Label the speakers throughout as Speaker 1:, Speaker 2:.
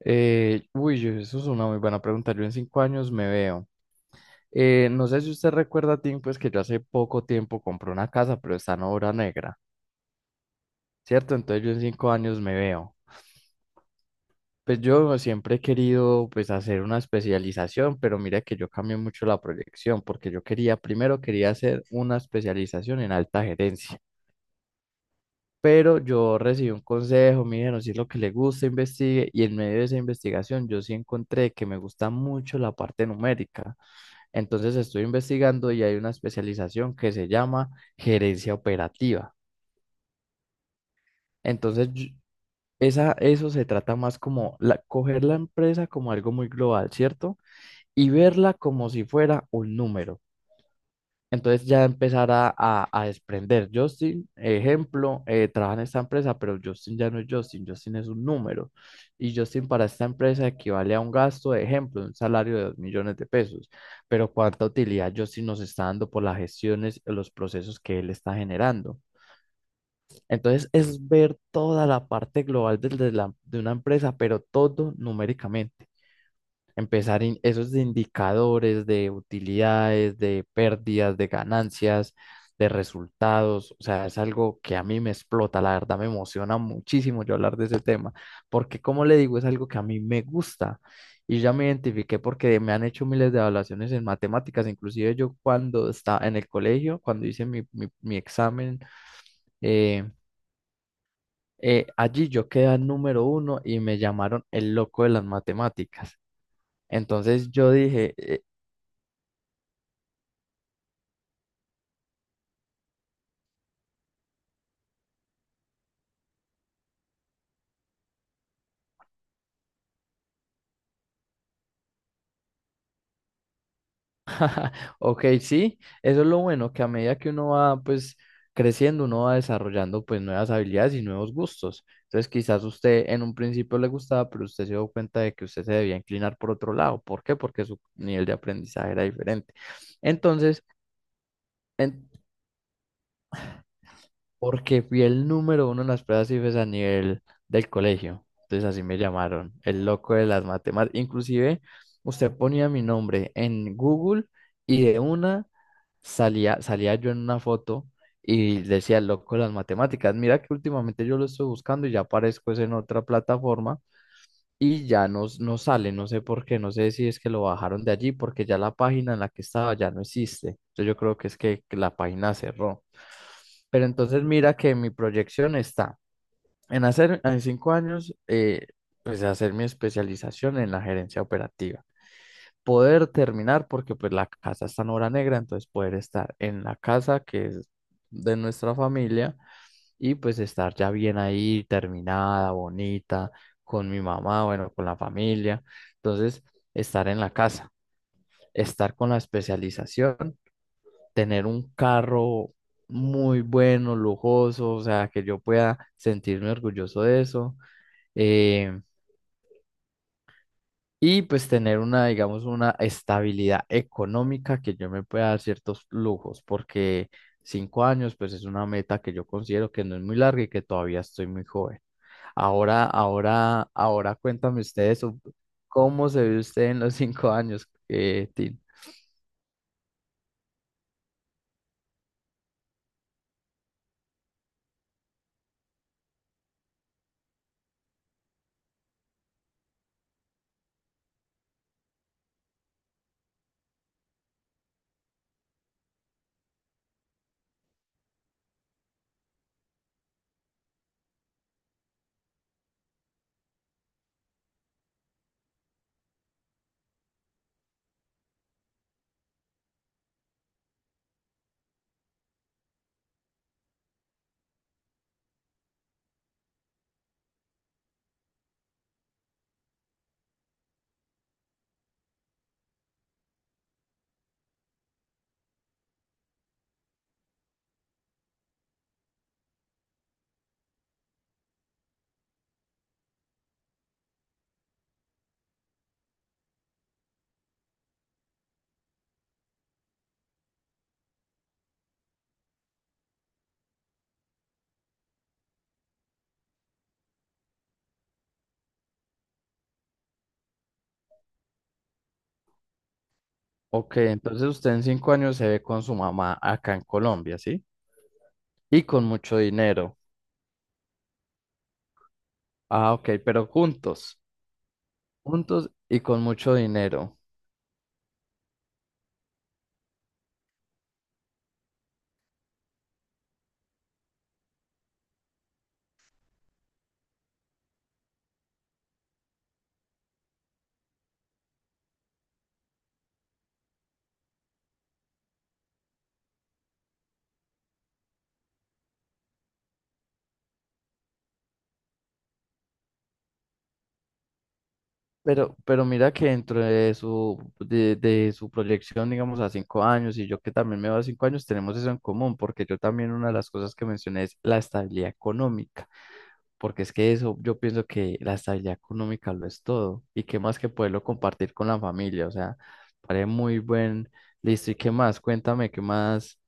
Speaker 1: Uy, eso es una muy buena pregunta. Yo en 5 años me veo. No sé si usted recuerda, Tim, pues que yo hace poco tiempo compré una casa, pero está en obra negra, ¿cierto? Entonces yo en 5 años me veo. Pues yo siempre he querido pues hacer una especialización, pero mira que yo cambié mucho la proyección porque primero quería hacer una especialización en alta gerencia, pero yo recibí un consejo, me dijeron si es lo que le gusta, investigue y en medio de esa investigación yo sí encontré que me gusta mucho la parte numérica. Entonces estoy investigando y hay una especialización que se llama gerencia operativa. Entonces, eso se trata más como coger la empresa como algo muy global, ¿cierto? Y verla como si fuera un número. Entonces ya empezar a desprender. Justin, ejemplo, trabaja en esta empresa, pero Justin ya no es Justin, Justin es un número. Y Justin para esta empresa equivale a un gasto, de ejemplo, un salario de 2 millones de pesos. Pero cuánta utilidad Justin nos está dando por las gestiones, los procesos que él está generando. Entonces es ver toda la parte global de una empresa, pero todo numéricamente empezar esos indicadores de utilidades, de pérdidas, de ganancias, de resultados, o sea, es algo que a mí me explota, la verdad me emociona muchísimo yo hablar de ese tema, porque como le digo, es algo que a mí me gusta y ya me identifiqué porque me han hecho miles de evaluaciones en matemáticas, inclusive yo cuando estaba en el colegio, cuando hice mi examen, eh, allí yo quedé número uno y me llamaron el loco de las matemáticas. Entonces yo dije. Ok, sí, eso es lo bueno, que a medida que uno va pues creciendo, uno va desarrollando pues nuevas habilidades y nuevos gustos. Entonces quizás usted en un principio le gustaba, pero usted se dio cuenta de que usted se debía inclinar por otro lado. ¿Por qué? Porque su nivel de aprendizaje era diferente. Entonces, en- porque fui el número uno en las pruebas IFES a nivel del colegio. Entonces así me llamaron, el loco de las matemáticas. Inclusive usted ponía mi nombre en Google y de una salía yo en una foto y decía el loco de las matemáticas. Mira que últimamente yo lo estoy buscando y ya aparezco es en otra plataforma y ya no sale, no sé por qué, no sé si es que lo bajaron de allí, porque ya la página en la que estaba ya no existe. Entonces yo creo que es que la página cerró. Pero entonces mira que mi proyección está en hacer en 5 años, pues hacer mi especialización en la gerencia operativa. Poder terminar, porque pues la casa está en obra negra, entonces poder estar en la casa que es de nuestra familia y pues estar ya bien ahí, terminada, bonita, con mi mamá, bueno, con la familia. Entonces, estar en la casa, estar con la especialización, tener un carro muy bueno, lujoso, o sea, que yo pueda sentirme orgulloso de eso. Eh, y pues tener una, digamos, una estabilidad económica que yo me pueda dar ciertos lujos, porque 5 años, pues es una meta que yo considero que no es muy larga y que todavía estoy muy joven. Ahora, ahora, ahora cuéntame ustedes cómo se ve usted en los 5 años, Tim. Ok, entonces usted en 5 años se ve con su mamá acá en Colombia, ¿sí? Y con mucho dinero. Ah, ok, pero juntos, juntos y con mucho dinero. Pero mira que dentro de su proyección, digamos, a 5 años, y yo que también me veo a 5 años, tenemos eso en común, porque yo también una de las cosas que mencioné es la estabilidad económica, porque es que eso, yo pienso que la estabilidad económica lo es todo, y qué más que poderlo compartir con la familia, o sea, parece muy listo, y qué más, cuéntame, qué más,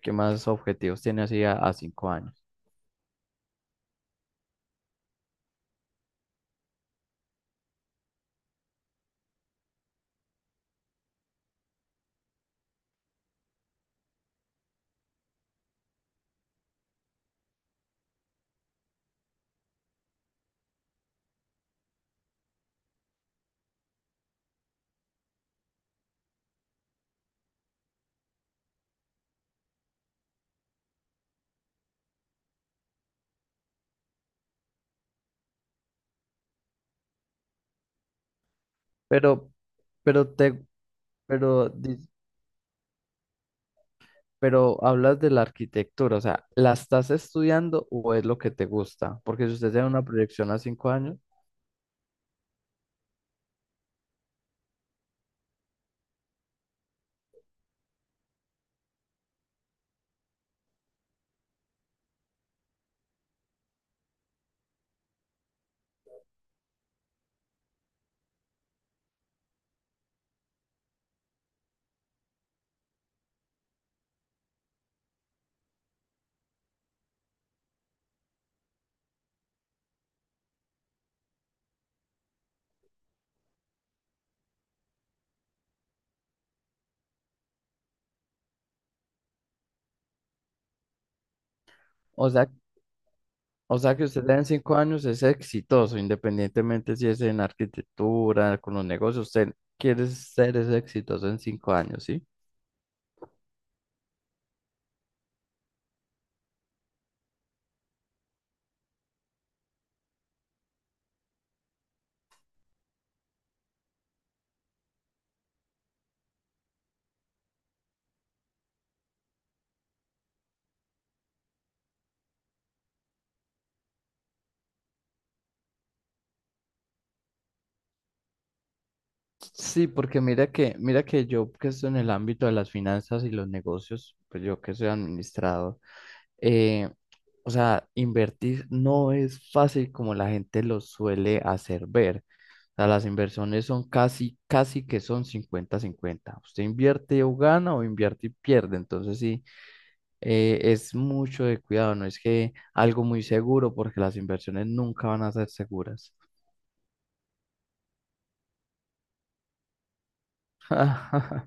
Speaker 1: objetivos tiene así a 5 años. Pero, pero te, pero di- Pero hablas de la arquitectura, o sea, ¿la estás estudiando o es lo que te gusta? Porque si usted tiene una proyección a 5 años, o sea, o sea que usted en 5 años es exitoso, independientemente si es en arquitectura, con los negocios, usted quiere ser ese exitoso en 5 años, ¿sí? Sí, porque mira que yo que estoy en el ámbito de las finanzas y los negocios, pues yo que soy administrador, eh, o sea, invertir no es fácil como la gente lo suele hacer ver. O sea, las inversiones son casi, casi que son cincuenta-cincuenta. Usted invierte o gana o invierte y pierde. Entonces sí, es mucho de cuidado, no es que algo muy seguro, porque las inversiones nunca van a ser seguras.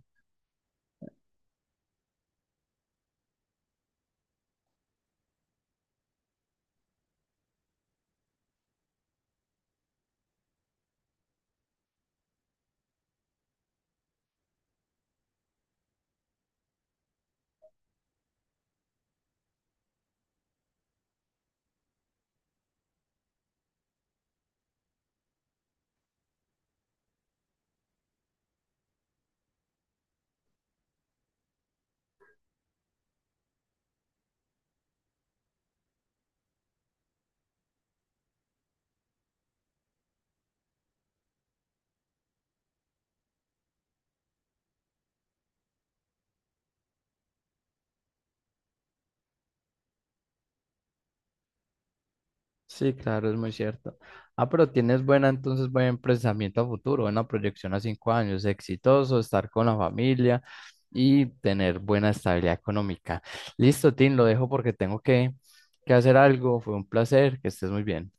Speaker 1: Sí, claro, es muy cierto. Ah, pero tienes buena, entonces, buen pensamiento a futuro, buena proyección a 5 años, exitoso, estar con la familia y tener buena estabilidad económica. Listo, Tim, lo dejo porque tengo que hacer algo. Fue un placer, que estés muy bien.